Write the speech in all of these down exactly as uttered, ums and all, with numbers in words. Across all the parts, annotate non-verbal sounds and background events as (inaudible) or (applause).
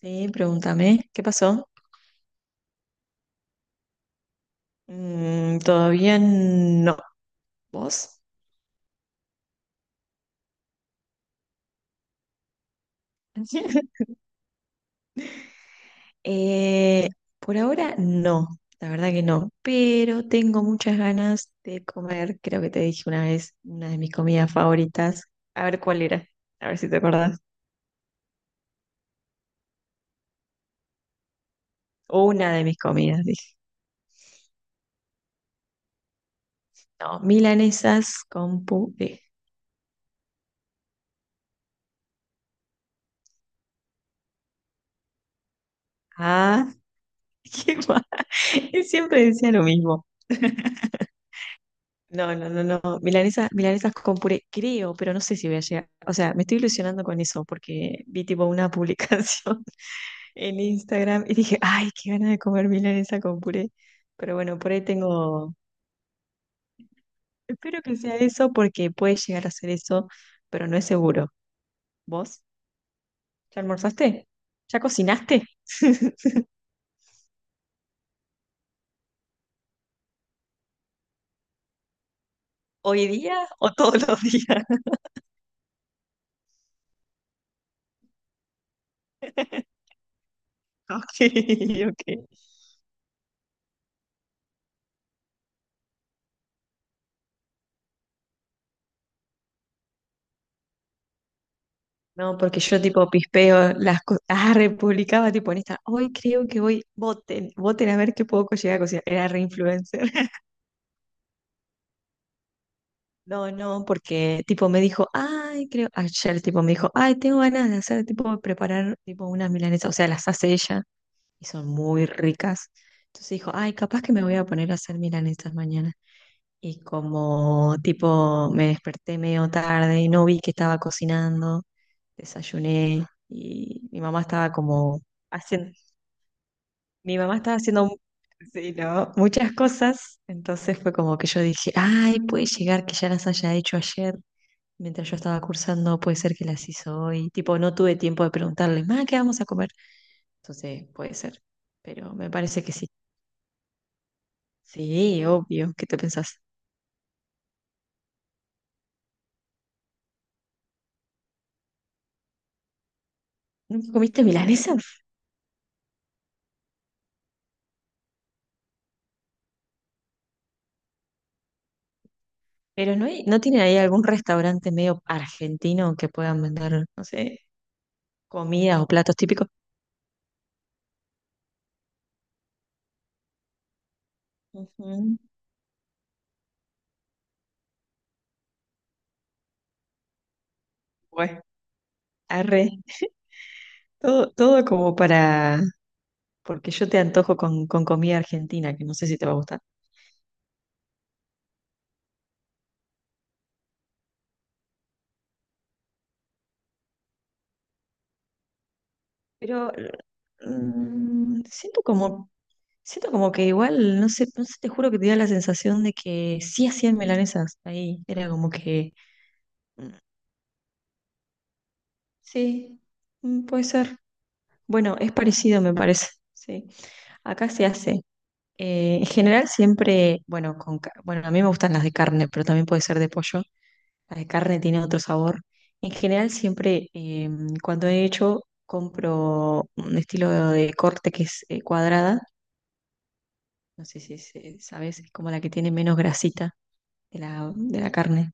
Sí, pregúntame, ¿qué pasó? Mm, todavía no. ¿Vos? (laughs) Eh, por ahora no, la verdad que no, pero tengo muchas ganas de comer, creo que te dije una vez, una de mis comidas favoritas. A ver cuál era, a ver si te acordás. Una de mis comidas, dije. No, milanesas con puré. Ah, (laughs) qué mal. Siempre decía lo mismo. No, no, no, no. Milanesa, milanesas con puré, creo, pero no sé si voy a llegar. O sea, me estoy ilusionando con eso porque vi tipo una publicación (laughs) en Instagram y dije, ay, qué ganas de comer milanesa con puré. Pero bueno, por ahí tengo. Espero que sea eso porque puede llegar a ser eso, pero no es seguro. ¿Vos? ¿Ya almorzaste? ¿Ya cocinaste? (laughs) ¿Hoy día o todos los días? (laughs) Ok, ok. No, porque yo tipo pispeo las cosas, ah, republicaba tipo en esta, hoy creo que voy voten, voten a ver qué puedo co- llegar a cocinar, era re influencer. (laughs) No, no, porque tipo me dijo, ay, creo, ayer tipo me dijo, ay, tengo ganas de hacer tipo preparar tipo unas milanesas, o sea, las hace ella y son muy ricas. Entonces dijo, ay, capaz que me voy a poner a hacer milanesas mañana. Y como tipo me desperté medio tarde, no vi que estaba cocinando, desayuné y mi mamá estaba como haciendo, mi mamá estaba haciendo mu- sí, ¿no?, muchas cosas, entonces fue como que yo dije, ay, puede llegar que ya las haya hecho ayer, mientras yo estaba cursando, puede ser que las hizo hoy, tipo no tuve tiempo de preguntarle, ma, ¿qué vamos a comer? Entonces puede ser, pero me parece que sí. Sí, obvio, ¿qué te pensás? ¿Nunca comiste milanesa? Pero no hay, no tienen ahí algún restaurante medio argentino que puedan vender, no sé, comidas o platos típicos. Ujú. Bueno, arre. (laughs) Todo, todo como para, porque yo te antojo con, con, comida argentina, que no sé si te va a gustar. Pero mm, siento como, siento como que igual, no sé, no sé, te juro que te da la sensación de que sí hacían milanesas ahí. Era como que mm, sí, mm, puede ser. Bueno, es parecido, me parece. Sí. Acá se hace. Eh, en general siempre, bueno, con, ca- bueno, a mí me gustan las de carne, pero también puede ser de pollo. La de carne tiene otro sabor. En general siempre, eh, cuando he hecho, compro un estilo de corte que es eh, cuadrada. No sé si es, eh, sabes, es como la que tiene menos grasita de la, de la carne.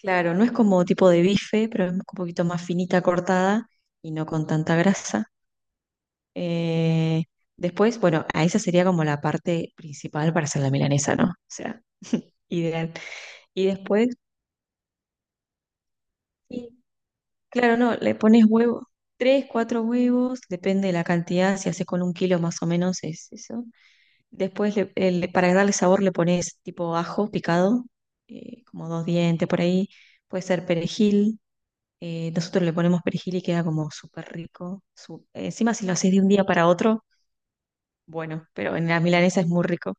Claro, no es como tipo de bife, pero es un poquito más finita cortada y no con tanta grasa. Eh, Después, bueno, a esa sería como la parte principal para hacer la milanesa, ¿no? O sea, ideal. Y después, sí, claro, no, le pones huevo, tres, cuatro huevos, depende de la cantidad, si haces con un kilo más o menos es eso. Después, le- el- para darle sabor, le pones tipo ajo picado, eh, como dos dientes por ahí, puede ser perejil. Eh, nosotros le ponemos perejil y queda como súper rico. Su- encima, si lo haces de un día para otro, bueno, pero en la milanesa es muy rico.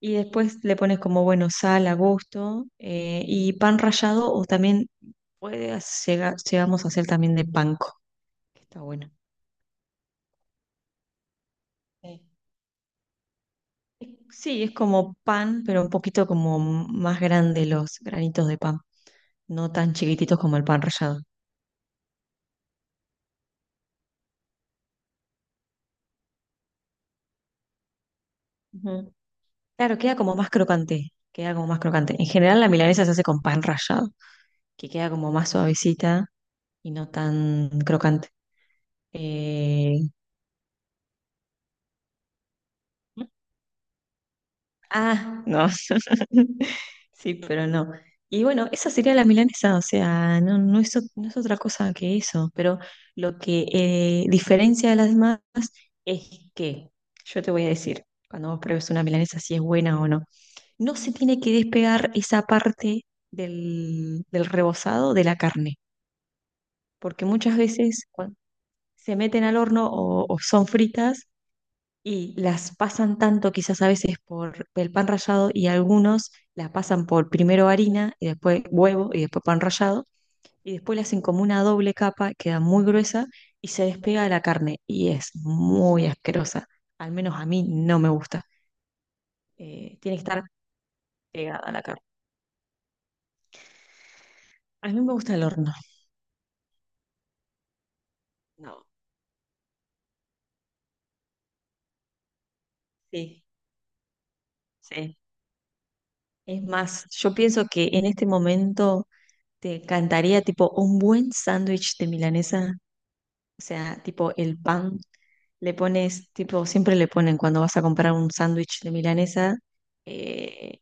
Y después le pones como, bueno, sal a gusto eh, y pan rallado o también Puede llega- llegamos a hacer también de panko, que está bueno. Sí. Sí, es como pan, pero un poquito como más grande los granitos de pan, no tan chiquititos como el pan rallado. Ujú. Claro, queda como más crocante, queda como más crocante. En general la milanesa se hace con pan rallado, que queda como más suavecita y no tan crocante. Eh, Ah, no. (laughs) Sí, pero no. Y bueno, esa sería la milanesa, o sea, no, no es, o- no es otra cosa que eso, pero lo que eh, diferencia de las demás es que, yo te voy a decir, cuando vos pruebes una milanesa si es buena o no, no se tiene que despegar esa parte del, del rebozado de la carne, porque muchas veces cuando se meten al horno o, o son fritas y las pasan tanto quizás a veces por el pan rallado y algunos la pasan por primero harina y después huevo y después pan rallado y después le hacen como una doble capa, queda muy gruesa y se despega de la carne y es muy asquerosa. Al menos a mí no me gusta. Eh, tiene que estar pegada a la carne. A mí me gusta el horno. No, sí, sí. Es más, yo pienso que en este momento te encantaría tipo un buen sándwich de milanesa. O sea, tipo el pan, le pones, tipo, siempre le ponen cuando vas a comprar un sándwich de milanesa, eh,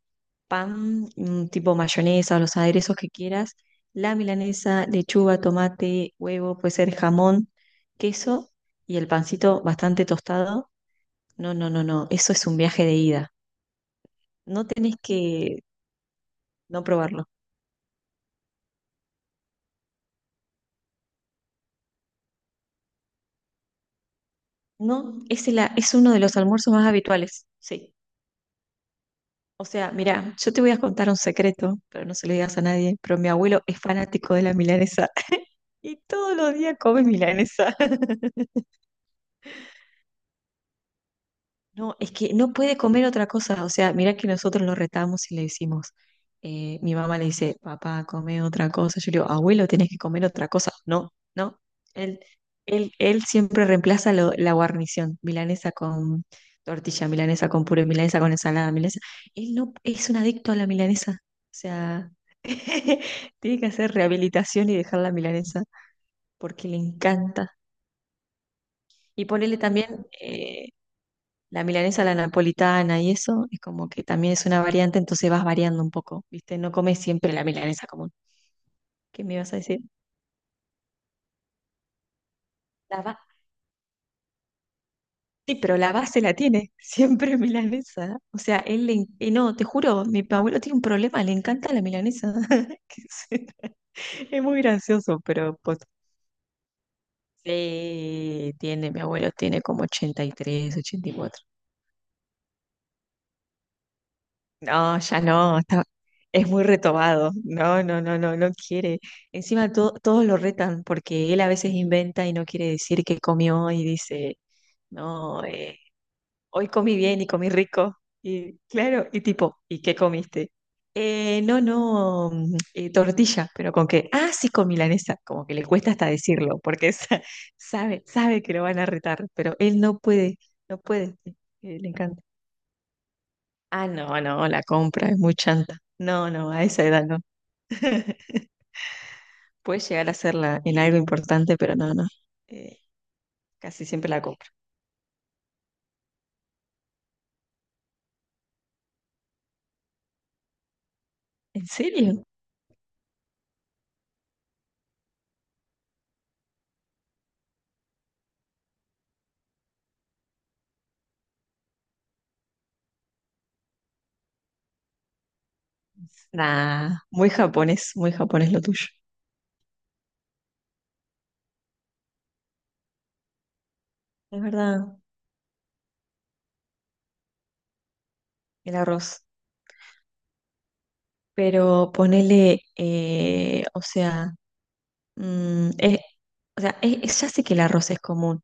pan, mm, tipo mayonesa o los aderezos que quieras, la milanesa, lechuga, tomate, huevo, puede ser jamón, queso y el pancito bastante tostado. No, no, no, no, eso es un viaje de ida. No tenés que no probarlo. No, es, el a- es uno de los almuerzos más habituales, sí. O sea, mira, yo te voy a contar un secreto, pero no se lo digas a nadie, pero mi abuelo es fanático de la milanesa (laughs) y todos los días come milanesa. (laughs) No, es que no puede comer otra cosa. O sea, mira que nosotros lo retamos y le decimos, eh, mi mamá le dice, papá, come otra cosa. Yo le digo, abuelo, tenés que comer otra cosa. No, no. Él, él, él siempre reemplaza lo- la guarnición, milanesa con tortilla, milanesa con puré, milanesa con ensalada, milanesa. Él no es un adicto a la milanesa. O sea, (laughs) tiene que hacer rehabilitación y dejar la milanesa porque le encanta. Y ponerle también, eh, la milanesa, la napolitana y eso, es como que también es una variante, entonces vas variando un poco, ¿viste? No comes siempre la milanesa común. ¿Qué me ibas a decir? La ba- Sí, pero la base la tiene, (laughs) siempre milanesa. O sea, él le... en- eh, No, te juro, mi abuelo tiene un problema, le encanta la milanesa. (laughs) Que se- Es muy gracioso, pero... posta. Sí, tiene, mi abuelo tiene como ochenta, ochenta y tres, ochenta y cuatro. No, ya no, está- es muy retobado. No, no, no, no, no quiere. Encima to- todos lo retan porque él a veces inventa y no quiere decir que comió y dice, no, eh, hoy comí bien y comí rico. Y claro, y tipo, ¿y qué comiste? "Eh, no, no, mm, eh, tortilla, pero con que. Ah, sí, con milanesa." Como que le cuesta hasta decirlo porque (laughs) sa- sabe, sabe que lo van a retar, pero él no puede, no puede. Eh, le encanta. Ah, no, no, la compra es muy chanta. No, no, a esa edad no. (laughs) Puede llegar a serla en algo importante, pero no, no. Eh, Casi siempre la compra. ¿En serio? Nah, muy japonés, muy japonés lo tuyo. Es verdad, el arroz. Pero ponele, eh, o sea, mm, es- o sea, es- es- ya sé que el arroz es común.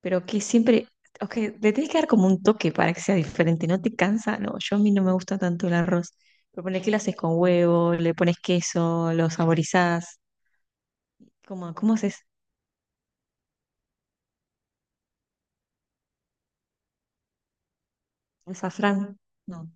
Pero que siempre, ok, le tienes que dar como un toque para que sea diferente, ¿no te cansa? No, yo a mí no me gusta tanto el arroz. Pero ponele que lo haces con huevo, le pones queso, lo saborizás. ¿Cómo, cómo haces? ¿Azafrán? No.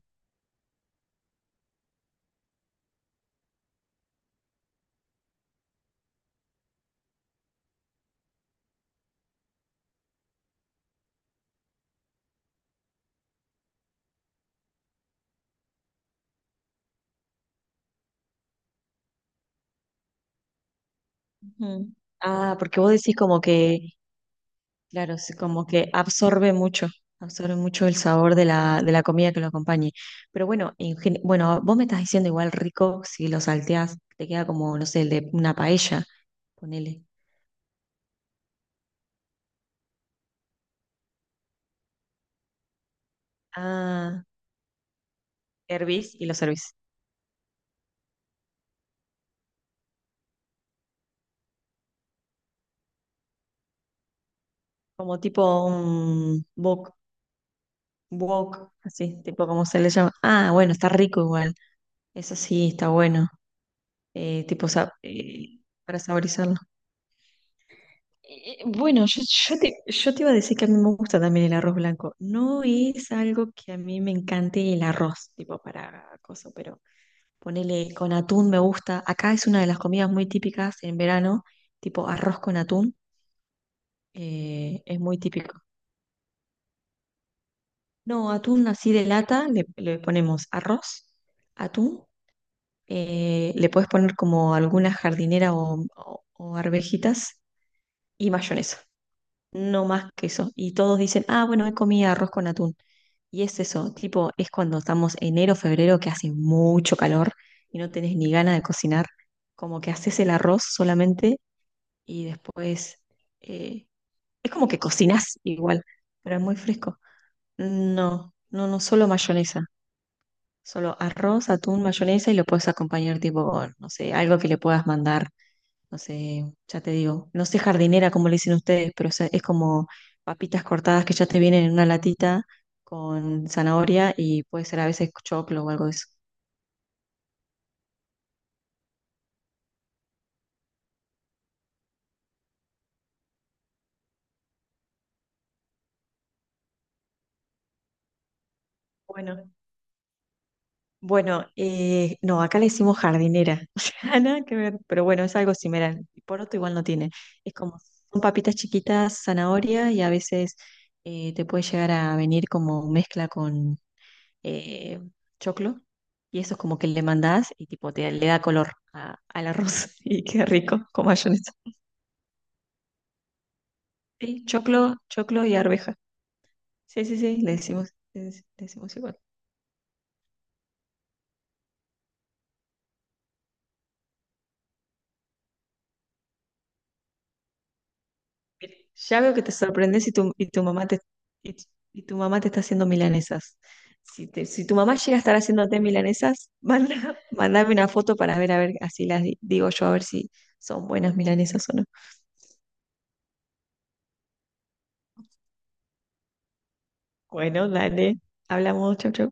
Ujú. Ah, porque vos decís como que, claro, sí, como que absorbe mucho, absorbe mucho el sabor de la, de la, comida que lo acompañe. Pero bueno, en gen- bueno, vos me estás diciendo igual rico si lo salteás, te queda como, no sé, el de una paella, ponele. Ah, hervís y lo servís. Como tipo un wok, wok, así, tipo como se le llama. Ah, bueno, está rico igual. Eso sí, está bueno. Eh, tipo sa- eh, para saborizarlo. Eh, Bueno, yo, yo te, yo te iba a decir que a mí me gusta también el arroz blanco. No es algo que a mí me encante el arroz, tipo para cosas, pero ponele con atún me gusta. Acá es una de las comidas muy típicas en verano, tipo arroz con atún, eh, es muy típico. No, atún así de lata, le, le ponemos arroz, atún, eh, le puedes poner como alguna jardinera o, o- o arvejitas y mayonesa, no más que eso. Y todos dicen, ah, bueno, he comido arroz con atún. Y es eso, tipo, es cuando estamos enero, febrero, que hace mucho calor y no tenés ni ganas de cocinar, como que haces el arroz solamente y después eh, es como que cocinás igual, pero es muy fresco. No, no, no, solo mayonesa. Solo arroz, atún, mayonesa y lo puedes acompañar tipo con, no sé, algo que le puedas mandar, no sé, ya te digo, no sé jardinera como le dicen ustedes, pero o sea, es como papitas cortadas que ya te vienen en una latita con zanahoria y puede ser a veces choclo o algo de eso. Bueno, bueno, eh, no, acá le decimos jardinera, (laughs) o sea, nada que ver, pero bueno, es algo similar. Y poroto igual no tiene, es como, son papitas chiquitas, zanahoria y a veces eh, te puede llegar a venir como mezcla con eh, choclo y eso es como que le mandás y tipo te le da color a- al arroz (laughs) y qué rico con mayonesa. Sí, choclo, choclo y arveja. Sí, sí, sí, le decimos, le dec- le decimos igual. Bien. Ya veo que te sorprendes y tu, y tu, mamá te y, tu y tu mamá te está haciendo milanesas. Si, te- si tu mamá llega a estar haciéndote milanesas, manda, (laughs) mandame una foto para ver, a ver, así las di- digo yo, a ver si son buenas milanesas o no. Bueno, dale, hablamos, chau, chau.